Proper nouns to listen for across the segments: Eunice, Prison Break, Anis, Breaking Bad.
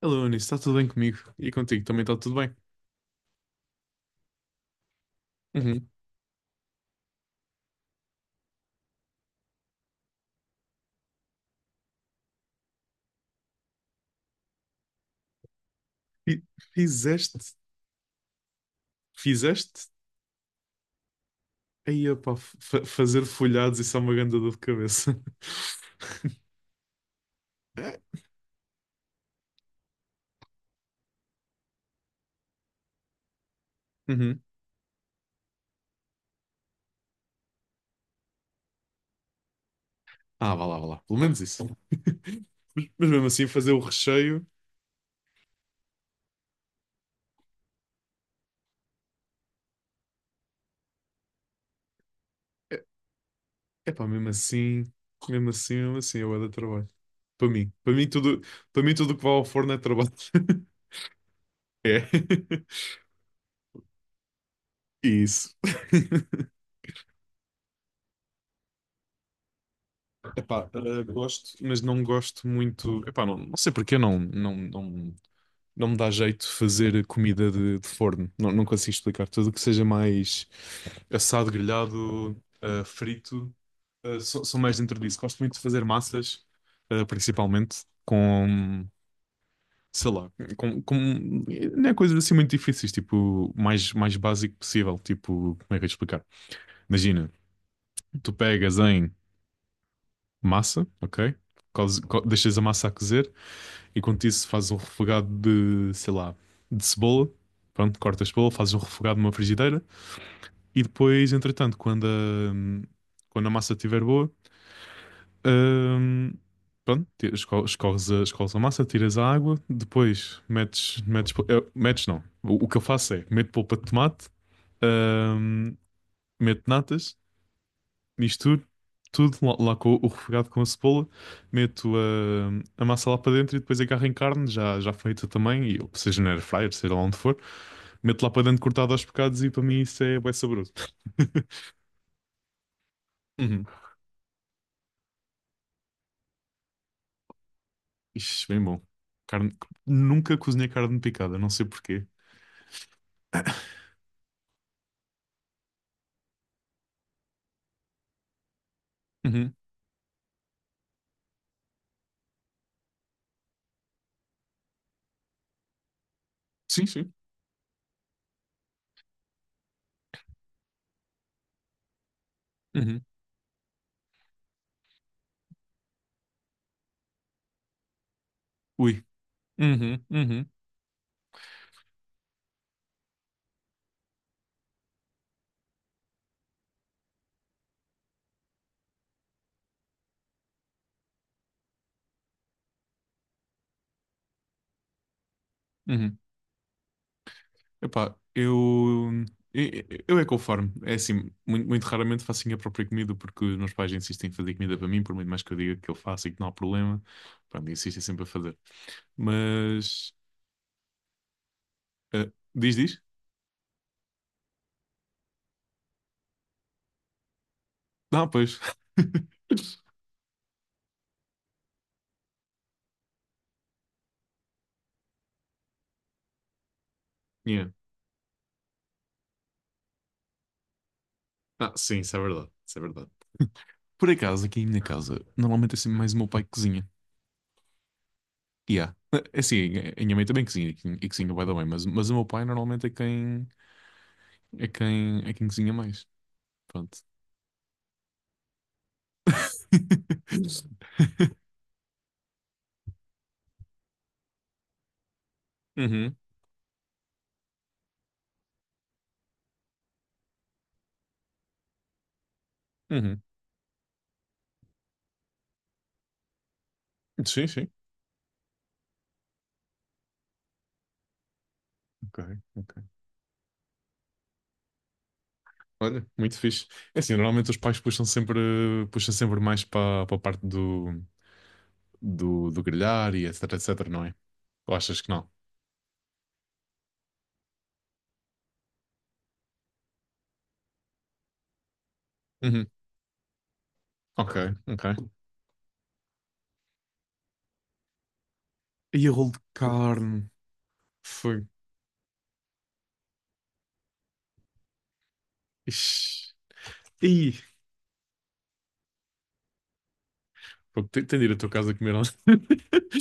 Alô, Anis, está tudo bem comigo? E contigo também está tudo bem? Uhum. Fi- Fizeste? Fizeste? Aí, opá, fazer folhados, isso é uma grande dor de cabeça. Uhum. Ah, vá lá, vá lá. Pelo menos isso. Mas mesmo assim, fazer o recheio... É, é pá, mesmo assim... Mesmo assim, mesmo assim, eu era trabalho. Para mim. Para mim, tudo que vai ao forno é trabalho. É. Isso. Epá, gosto, mas não gosto muito. Epá, não, não sei porque não, não me dá jeito fazer comida de forno. Não, não consigo explicar. Tudo o que seja mais assado, grelhado, frito, sou, sou mais dentro disso. Gosto muito de fazer massas, principalmente com, sei lá, com, não é coisas assim muito difíceis, tipo, o mais, mais básico possível. Tipo, como é que eu ia explicar? Imagina, tu pegas em massa, ok? Deixas a massa a cozer. E quanto isso, fazes um refogado de, sei lá, de cebola. Pronto, cortas a cebola, fazes um refogado numa frigideira. E depois, entretanto, quando a massa estiver boa, hum, pronto, escorres a, escorres a massa, tiras a água. Depois, metes, metes, pol- eh, metes não. O que eu faço é, meto polpa de tomate, hum, meto natas, misturo tudo lá, lá com o refogado com a cebola, meto a massa lá para dentro e depois agarro em carne, já, já feita também, e, seja na air fryer, seja lá onde for, meto lá para dentro cortado aos bocados e para mim isso é bem saboroso. Uhum. Ixi, bem bom. Carne... Nunca cozinhei carne picada, não sei porquê. Uhum. Sim, sim. Uhum. Ui. Uhum, uhum, uhum. Epá, eu, eu é conforme. É assim, muito, muito raramente faço a minha própria comida porque os meus pais insistem em fazer comida para mim, por muito mais que eu diga que eu faço e que não há problema. Pronto, insistem sempre a fazer. Mas, diz, diz? Não, pois. Yeah. Ah, sim, isso é verdade. Isso é verdade. Por acaso, aqui em minha casa, normalmente é sempre mais o meu pai que cozinha. E é assim, a minha mãe também cozinha e cozinha vai dar bem, mas o meu pai normalmente é quem, é quem, é quem cozinha mais. Pronto. Uhum, uhum. Sim, sim. Ok, ok. Olha, muito fixe. É assim, normalmente os pais puxam sempre mais para a parte do, do, do grelhar e etc, etc, não é? Ou achas que não? Uhum. Ok, ok. E o rolo de carne. Foi. Ixi. Ih. Fogo, tem, tem de ir à tua casa comer. Algo.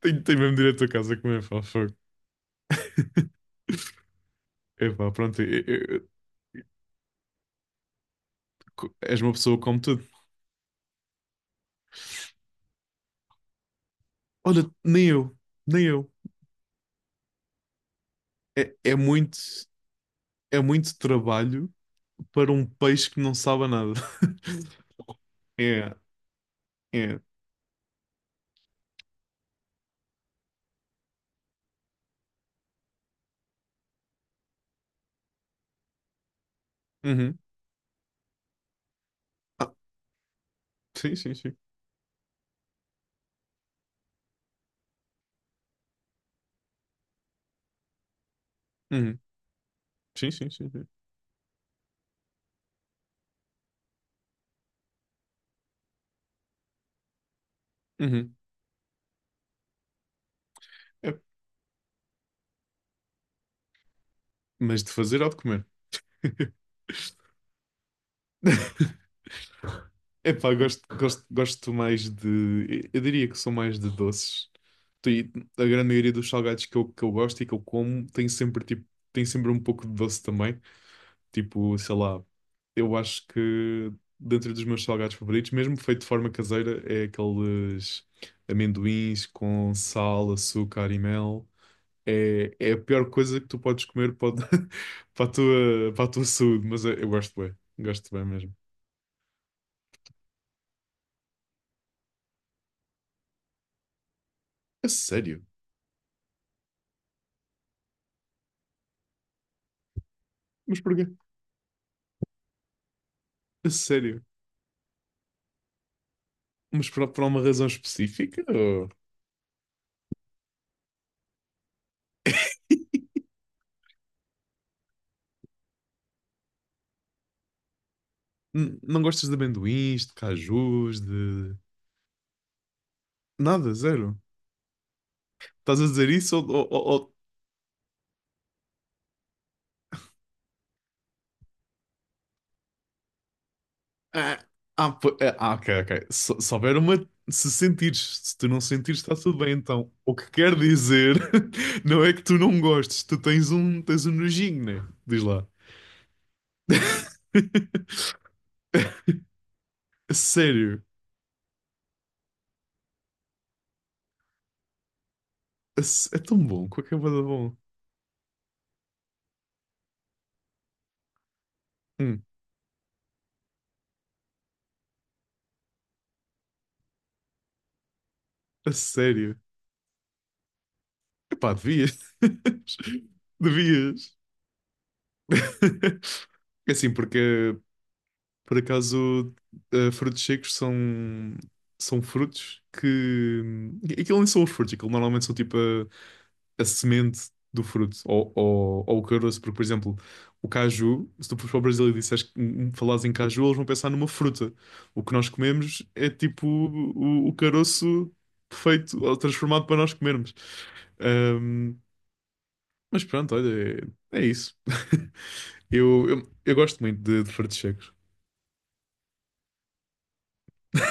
Tem, tem mesmo de ir à tua casa comer. Pá, fogo. Epá, pronto. És uma pessoa que come tudo. Olha, nem eu. Nem eu. É, é muito trabalho para um peixe que não sabe nada. É, é. Uhum. Ah, sim, sim, sim. Uhum. Sim, sim, sim, sim. Uhum. É, mas de fazer ou de comer? Epá, gosto, gosto, gosto mais de. Eu diria que sou mais de doces. E a grande maioria dos salgados que eu gosto e que eu como tem sempre, tipo, tem sempre um pouco de doce também. Tipo, sei lá, eu acho que dentro dos meus salgados favoritos, mesmo feito de forma caseira, é aqueles amendoins com sal, açúcar e mel. É, é a pior coisa que tu podes comer para a tua saúde, mas eu gosto bem mesmo. A sério? Mas porquê? A sério? Mas por uma razão específica? Ou- Não gostas de amendoins, de cajus, de... Nada, zero. Estás a dizer isso ou, Ah, ok, ok. Se houver uma. Se sentires, se tu não sentires, está tudo bem. Então, o que quer dizer não é que tu não gostes, tu tens um nojinho, né? Diz lá. A sério. É tão bom, com a camada bom. Hum, a sério. Epá, devias. Devias. É assim, porque por acaso, frutos secos são, são frutos que. Aquilo nem são os frutos, aquilo normalmente são tipo a semente do fruto ou o caroço, porque, por exemplo, o caju, se tu fores para o Brasil e disseres que falares em caju, eles vão pensar numa fruta. O que nós comemos é tipo o caroço feito ou transformado para nós comermos. Ahm, mas pronto, olha, é, é isso. Eu gosto muito de frutos secos.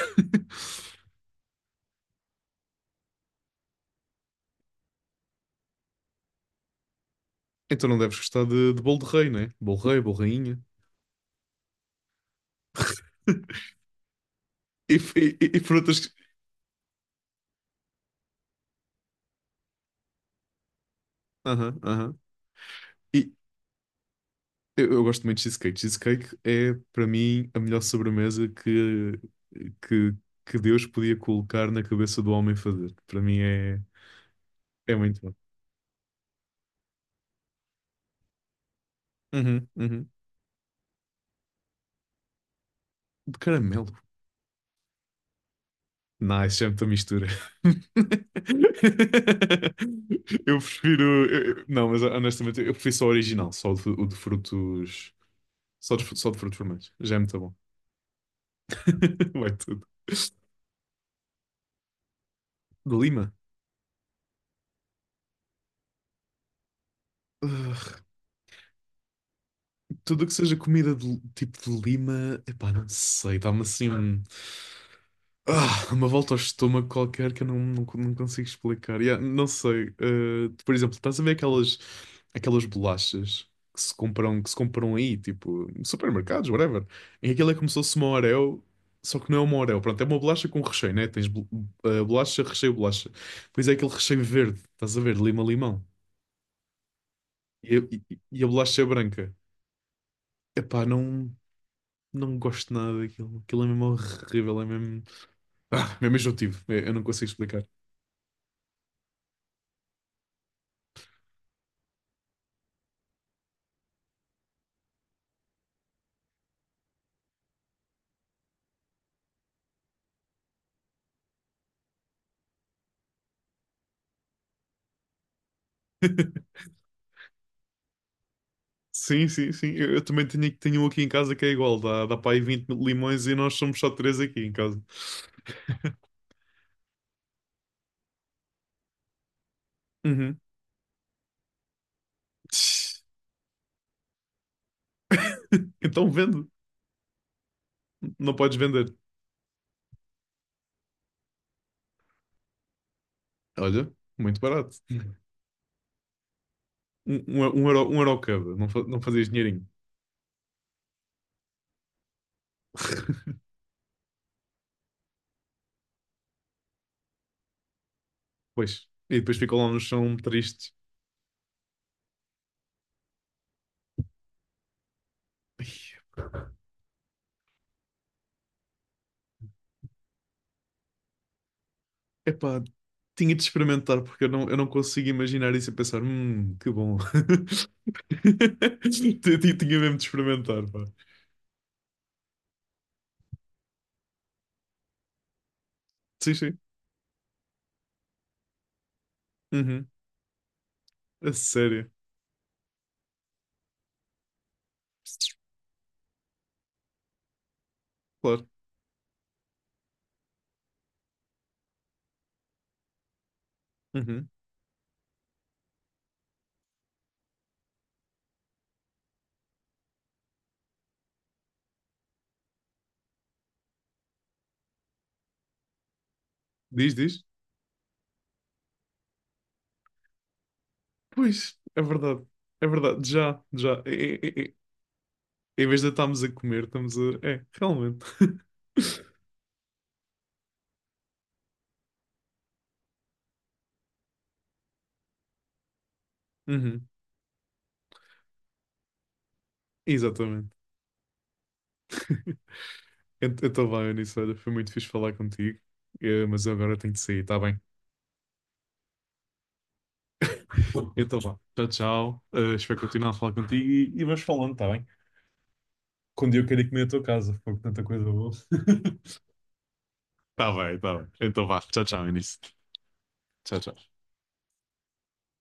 Então não deves gostar de bolo de rei, né? Bolo rei, bolo rainha. E, e frutas. Aham, aham. E eu gosto muito de cheesecake. Cheesecake é, para mim, a melhor sobremesa que, que Deus podia colocar na cabeça do homem fazer. Para mim é, é muito bom. Uhum, uhum. De caramelo. Nice, já é muita mistura. Eu prefiro. Eu- Não, mas honestamente, eu prefiro só o original, só o de frutos. Só de, só de frutos vermelhos. Já é muito bom. Vai tudo. De Lima? Ugh, tudo o que seja comida de, tipo de Lima, epá, não sei, dá-me assim um- ah, uma volta ao estômago qualquer que eu não, não, não consigo explicar. Yeah, não sei, por exemplo, estás a ver aquelas, aquelas bolachas que se compram aí, tipo, em supermercados, whatever. E aquilo é como se fosse uma Oreo, só que não é uma Oreo, pronto, é uma bolacha com recheio, né? Bolacha, recheio, bolacha. Pois é aquele recheio verde, estás a ver, lima-limão. E, e a bolacha é branca. Epá, não, não gosto nada daquilo. Aquilo é mesmo horrível, é mesmo. Ah, mesmo enjoativo. É, eu não consigo explicar. Sim, sim, sim. Eu também tenho, tenho um aqui em casa que é igual. Dá, dá para aí 20 limões e nós somos só 3 aqui em casa. Uhum. Então vende. Não podes vender. Olha, muito barato. Um, um euro cada. Não, não fazias dinheirinho. Pois. E depois ficam lá no chão tristes. Epá, tinha de experimentar porque eu não consigo imaginar isso e pensar, que bom. Tinha mesmo de experimentar, pá. Sim, sim. Uhum. A sério. Claro. Uhum. Diz, diz. Pois, é verdade. É verdade. Já, já. É, é, é, é. Em vez de estarmos a comer, estamos a. É, realmente. Uhum. Exatamente. Então vai, Eunice, olha, foi muito fixe falar contigo. Mas eu agora tenho de sair, tá bem? Então vá, tchau, tchau. Espero continuar a falar contigo e vamos falando, está bem? Quando eu quero ir comer a tua casa, porque tanta coisa boa. Está bem, está bem. Então vá, tchau, tchau, Início. Tchau, tchau.